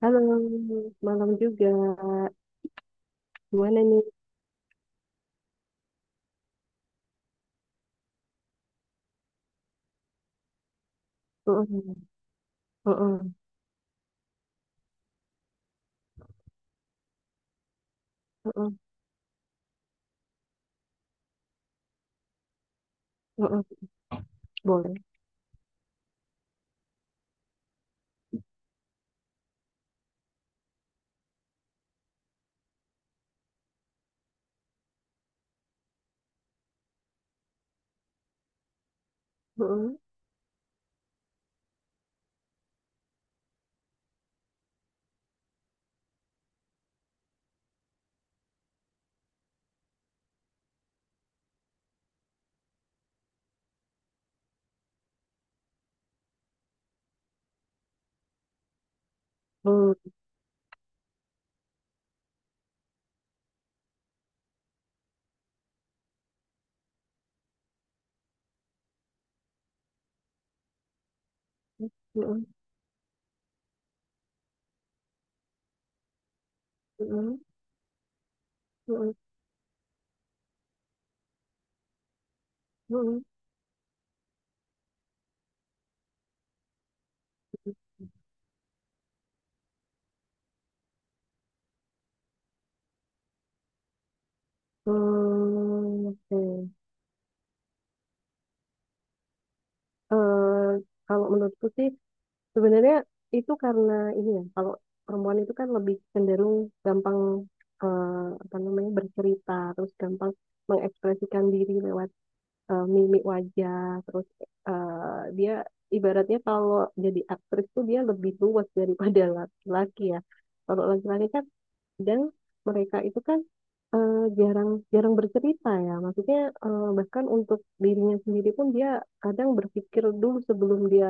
Halo, malam juga. Gimana nih? Heeh, heeh, heeh, heeh. Boleh. Heeh, heeh, heeh, heeh, heeh, heeh. Hmm, oke. Eh, Kalau menurutku sih sebenarnya itu karena ini ya, kalau perempuan itu kan lebih cenderung gampang, eh, apa namanya, bercerita, terus gampang mengekspresikan diri lewat mimik wajah, terus eh, dia ibaratnya kalau jadi aktris tuh dia lebih luas daripada laki-laki ya, kalau laki-laki kan, dan mereka itu kan jarang jarang bercerita ya, maksudnya bahkan untuk dirinya sendiri pun dia kadang berpikir dulu sebelum dia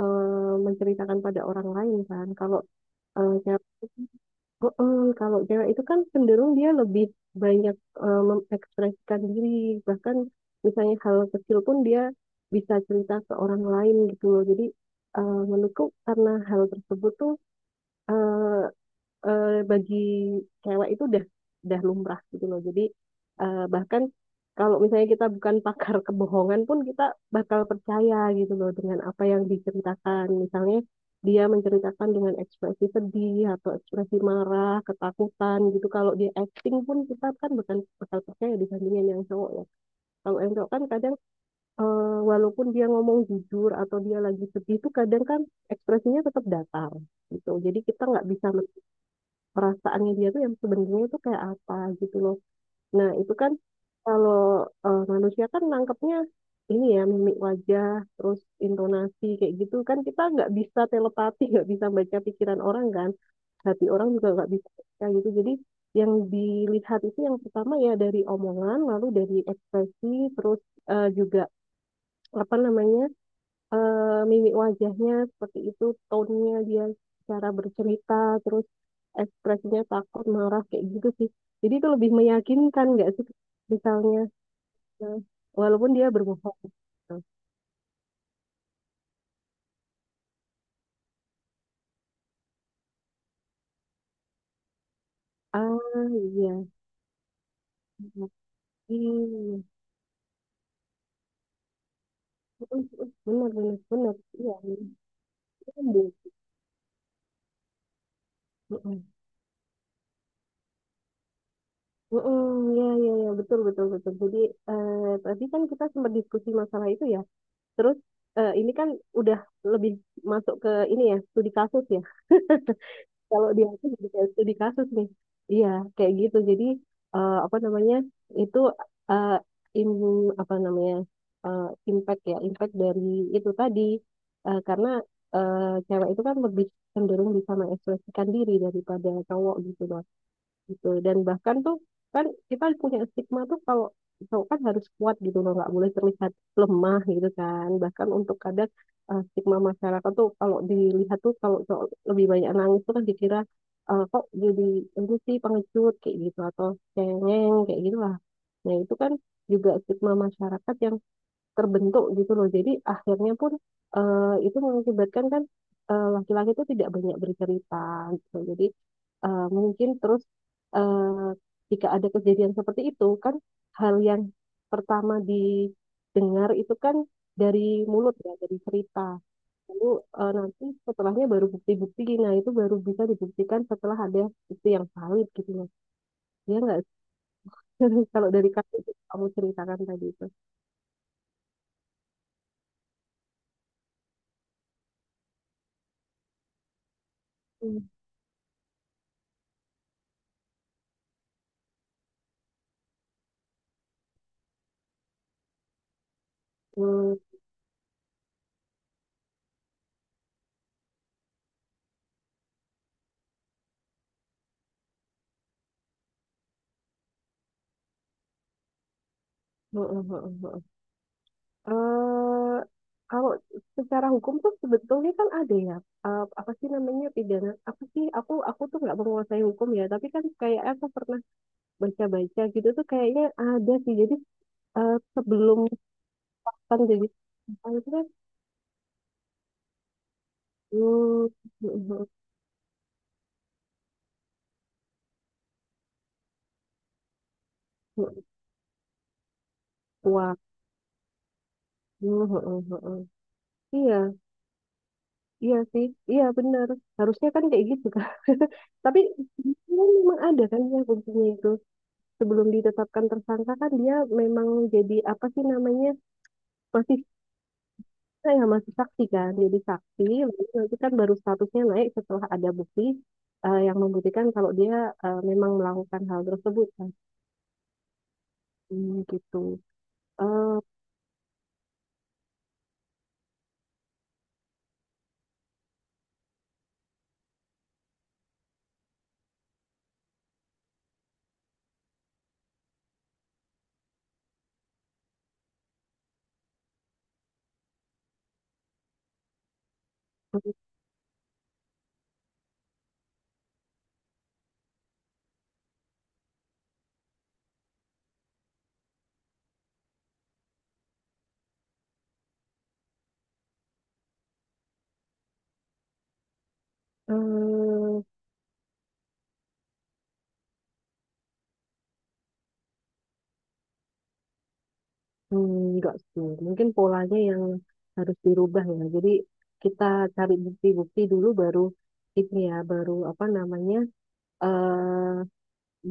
menceritakan pada orang lain kan. Kalau cewek, kalau cewek itu kan cenderung dia lebih banyak mengekspresikan diri, bahkan misalnya hal kecil pun dia bisa cerita ke orang lain gitu loh. Jadi menurutku karena hal tersebut tuh bagi cewek itu udah lumrah gitu loh. Jadi bahkan kalau misalnya kita bukan pakar kebohongan pun kita bakal percaya gitu loh dengan apa yang diceritakan. Misalnya dia menceritakan dengan ekspresi sedih atau ekspresi marah, ketakutan gitu. Kalau dia acting pun kita kan bukan bakal percaya dibandingin yang cowok ya. Kalau yang cowok kan kadang walaupun dia ngomong jujur atau dia lagi sedih itu kadang kan ekspresinya tetap datar gitu. Jadi kita nggak bisa perasaannya dia tuh yang sebenarnya itu kayak apa gitu loh. Nah, itu kan kalau manusia kan nangkepnya ini ya, mimik wajah, terus intonasi kayak gitu kan, kita nggak bisa telepati, nggak bisa baca pikiran orang kan. Hati orang juga nggak bisa baca gitu. Jadi yang dilihat itu yang pertama ya dari omongan, lalu dari ekspresi, terus juga apa namanya mimik wajahnya seperti itu, tone-nya dia, cara bercerita, terus ekspresinya takut, marah, kayak gitu sih. Jadi itu lebih meyakinkan nggak sih, misalnya eh, walaupun dia berbohong gitu. Ah iya, iya, benar, benar, benar, iya, benar. Mm-mm. Mm-mm, iya, iya, iya, betul, betul, betul. Jadi, eh, tadi kan kita sempat diskusi masalah itu ya. Terus, ini kan udah lebih masuk ke ini ya, studi kasus ya. Kalau di aku jadi kayak studi kasus nih, iya, kayak gitu. Jadi apa namanya, itu eh, im apa namanya, eh, impact ya, impact dari itu tadi. Karena eh, cewek itu kan lebih cenderung bisa mengekspresikan diri daripada cowok gitu, gitu. Dan bahkan tuh kan kita punya stigma tuh, kalau cowok kan harus kuat gitu loh, nggak boleh terlihat lemah gitu kan. Bahkan untuk kadang stigma masyarakat tuh kalau dilihat tuh kalau cowok lebih banyak nangis tuh kan dikira kok jadi ini sih, pengecut kayak gitu, atau cengeng kayak gitu lah. Nah itu kan juga stigma masyarakat yang terbentuk gitu loh. Jadi akhirnya pun eh, itu mengakibatkan kan laki-laki itu tidak banyak bercerita gitu. Jadi mungkin terus eh, jika ada kejadian seperti itu kan, hal yang pertama didengar itu kan dari mulut ya, dari cerita. Lalu nanti setelahnya baru bukti-bukti. Nah, itu baru bisa dibuktikan setelah ada bukti yang valid gitu loh. Ya nggak sih? Kalau dari kasus yang kamu ceritakan tadi itu. Hmm. Hmm, hmm, hmm, hmm, hmm. eh Kalau secara hukum tuh sebetulnya kan ada ya, apa sih namanya, pidana apa sih, aku tuh nggak menguasai hukum ya, tapi kan kayak aku pernah baca-baca gitu tuh kayaknya ada sih. Jadi sebelum kan jadi tersangka itu kan, wah, iya, iya sih, iya, benar, harusnya kan kayak gitu kan. Tapi dia memang ada kan ya, fungsinya itu sebelum ditetapkan tersangka kan, dia memang jadi apa sih namanya, masih kita yang masih saksi kan, jadi saksi, lalu nanti kan baru statusnya naik setelah ada bukti yang membuktikan kalau dia memang melakukan hal tersebut kan. Hmm, gitu. eh eh, hmm, enggak sih, mungkin polanya yang harus dirubah ya. Jadi kita cari bukti-bukti dulu baru ini ya, baru apa namanya, eh,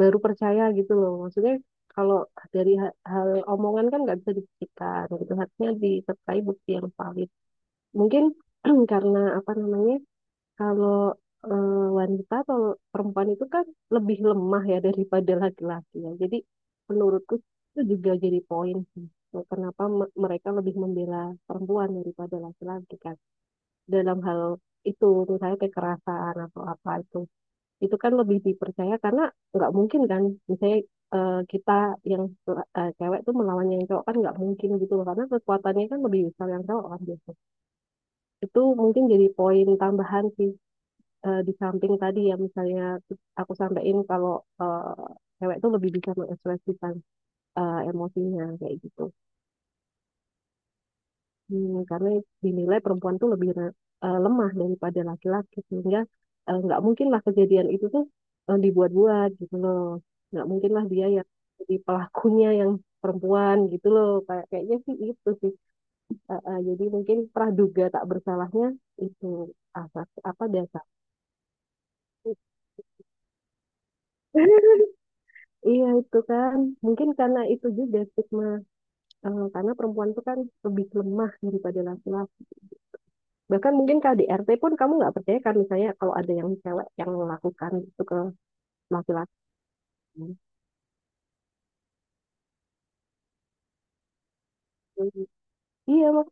baru percaya gitu loh. Maksudnya kalau dari hal, omongan kan nggak bisa dibuktikan gitu. Harusnya disertai bukti yang valid. Mungkin karena apa namanya, kalau eh, wanita atau perempuan itu kan lebih lemah ya daripada laki-laki ya. Jadi menurutku itu juga jadi poin sih. Kenapa mereka lebih membela perempuan daripada laki-laki kan, dalam hal itu misalnya kekerasan atau apa, itu kan lebih dipercaya karena nggak mungkin kan misalnya kita yang cewek tuh melawan yang cowok kan nggak mungkin gitu loh, karena kekuatannya kan lebih besar yang cowok kan biasanya. Itu mungkin jadi poin tambahan sih, di samping tadi ya, misalnya aku sampein kalau eh, cewek tuh lebih bisa mengekspresikan emosinya kayak gitu. Hmm, karena dinilai perempuan tuh lebih lemah daripada laki-laki, sehingga nggak mungkin lah kejadian itu tuh dibuat-buat gitu loh. Nggak mungkin lah dia yang jadi pelakunya yang perempuan gitu loh, kayak kayaknya sih itu sih. Jadi mungkin praduga tak bersalahnya itu asas apa dasar. Iya itu kan mungkin karena itu juga stigma, karena perempuan tuh kan lebih lemah daripada laki-laki, bahkan mungkin KDRT pun kamu nggak percaya kan misalnya kalau ada yang cewek yang melakukan itu ke laki-laki. Hmm. Iya mak,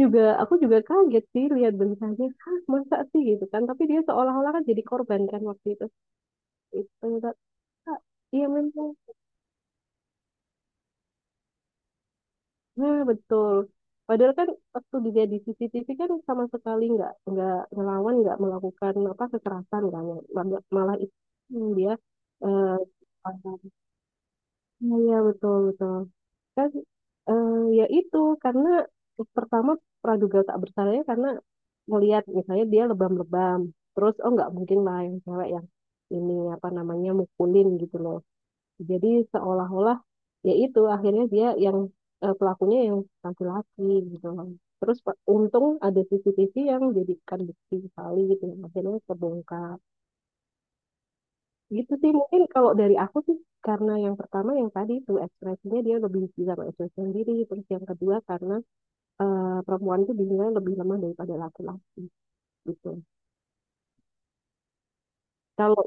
juga aku juga kaget sih lihat bentuknya, hah masa sih gitu kan, tapi dia seolah-olah kan jadi korban kan waktu itu. Itu iya memang, nah betul, padahal kan waktu dia di CCTV kan sama sekali nggak ngelawan, nggak melakukan apa kekerasan kan, malah malah itu dia eh, iya, iya, betul, betul. Kan eh, ya itu karena pertama praduga tak bersalahnya karena melihat misalnya dia lebam-lebam terus, oh nggak mungkin lah yang cewek yang ini apa namanya mukulin gitu loh. Jadi seolah-olah ya itu akhirnya dia yang pelakunya yang laki-laki gitu loh. Terus untung ada CCTV yang jadikan bukti kali gitu, akhirnya terbongkar. Gitu sih mungkin kalau dari aku sih, karena yang pertama yang tadi itu ekspresinya dia lebih bisa mengekspresi sendiri, terus yang kedua karena perempuan itu dinilai lebih lemah daripada laki-laki gitu. Kalau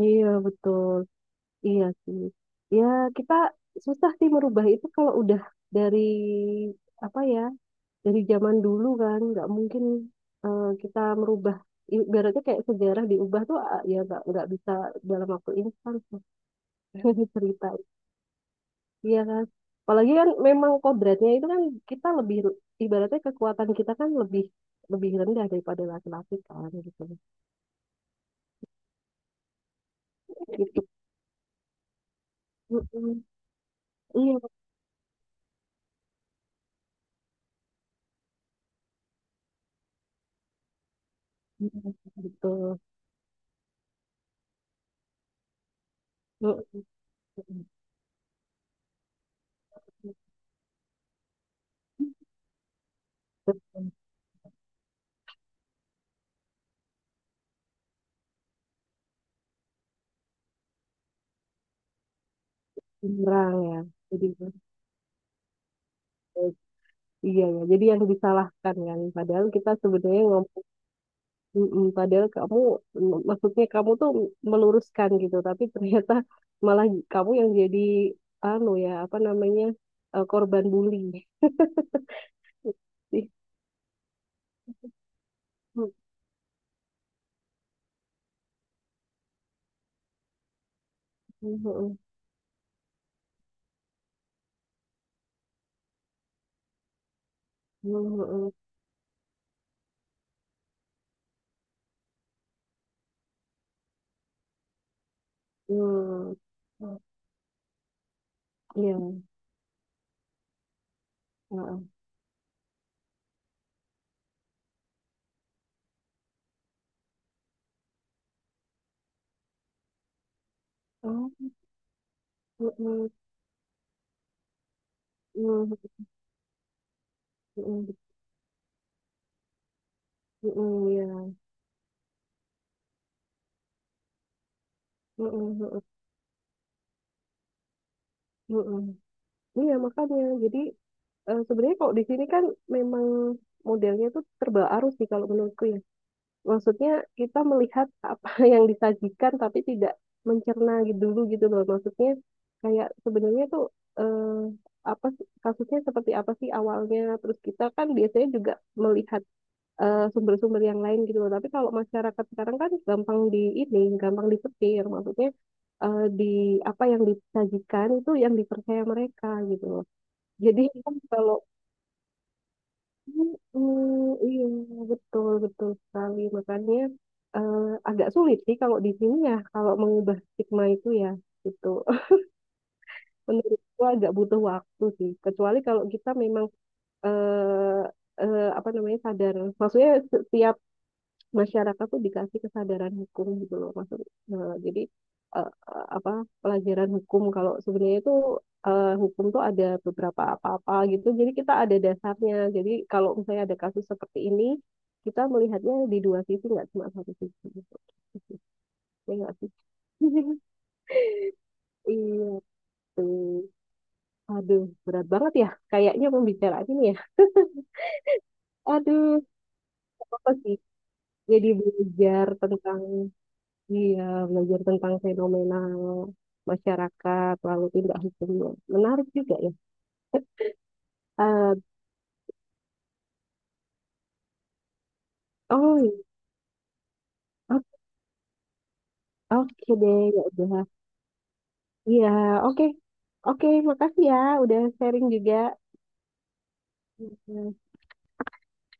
iya betul, iya sih, ya kita susah sih merubah itu kalau udah dari apa ya, dari zaman dulu kan nggak mungkin kita merubah, ibaratnya kayak sejarah diubah tuh ah, ya nggak bisa dalam waktu instan. Cerita. Iya kan? Apalagi kan memang kodratnya itu kan kita lebih, ibaratnya kekuatan kita kan lebih lebih rendah daripada laki-laki kan gitu. Gitu. Mm-mm. Iya, gitu. Kurang ya. Jadi iya ya. Jadi yang disalahkan kan padahal kita sebenarnya ngomong, mm-mm. Padahal kamu, mm, maksudnya kamu tuh meluruskan gitu, tapi ternyata malah kamu yang jadi anu ya, apa namanya, korban bully. Mhm, mhm, mhm. Iya, heeh. Oh, mhm, mhm, mhm, mhm, iya. Mhm, mhm, mhm. Iya, makanya. Jadi sebenarnya kalau di sini kan memang modelnya tuh serba arus sih kalau menurutku ya. Maksudnya kita melihat apa yang disajikan tapi tidak mencerna gitu dulu gitu loh. Maksudnya kayak sebenarnya tuh eh, kasusnya seperti apa sih awalnya. Terus kita kan biasanya juga melihat sumber-sumber yang lain gitu loh. Tapi kalau masyarakat sekarang kan gampang di ini, gampang disetir, maksudnya di apa yang disajikan itu yang dipercaya mereka gitu loh. Jadi kan kalau mm, iya, betul betul sekali. Makanya eh, agak sulit sih kalau di sini ya kalau mengubah stigma itu ya gitu. Menurutku agak butuh waktu sih. Kecuali kalau kita memang eh apa namanya, sadar. Maksudnya setiap masyarakat tuh dikasih kesadaran hukum gitu loh, maksud jadi apa, pelajaran hukum, kalau sebenarnya itu hukum tuh ada beberapa apa-apa gitu, jadi kita ada dasarnya. Jadi kalau misalnya ada kasus seperti ini, kita melihatnya di dua sisi, nggak cuma satu sisi gitu, ya nggak sih? Iya, aduh, berat banget ya kayaknya pembicaraan ini ya, aduh, apa sih, jadi belajar tentang, iya, belajar tentang fenomena masyarakat, lalu tindak hukumnya. Menarik juga ya. Eh, oh, iya. O- oke deh, ya udah. Iya, oke. Oke, makasih ya, udah sharing juga. Iya.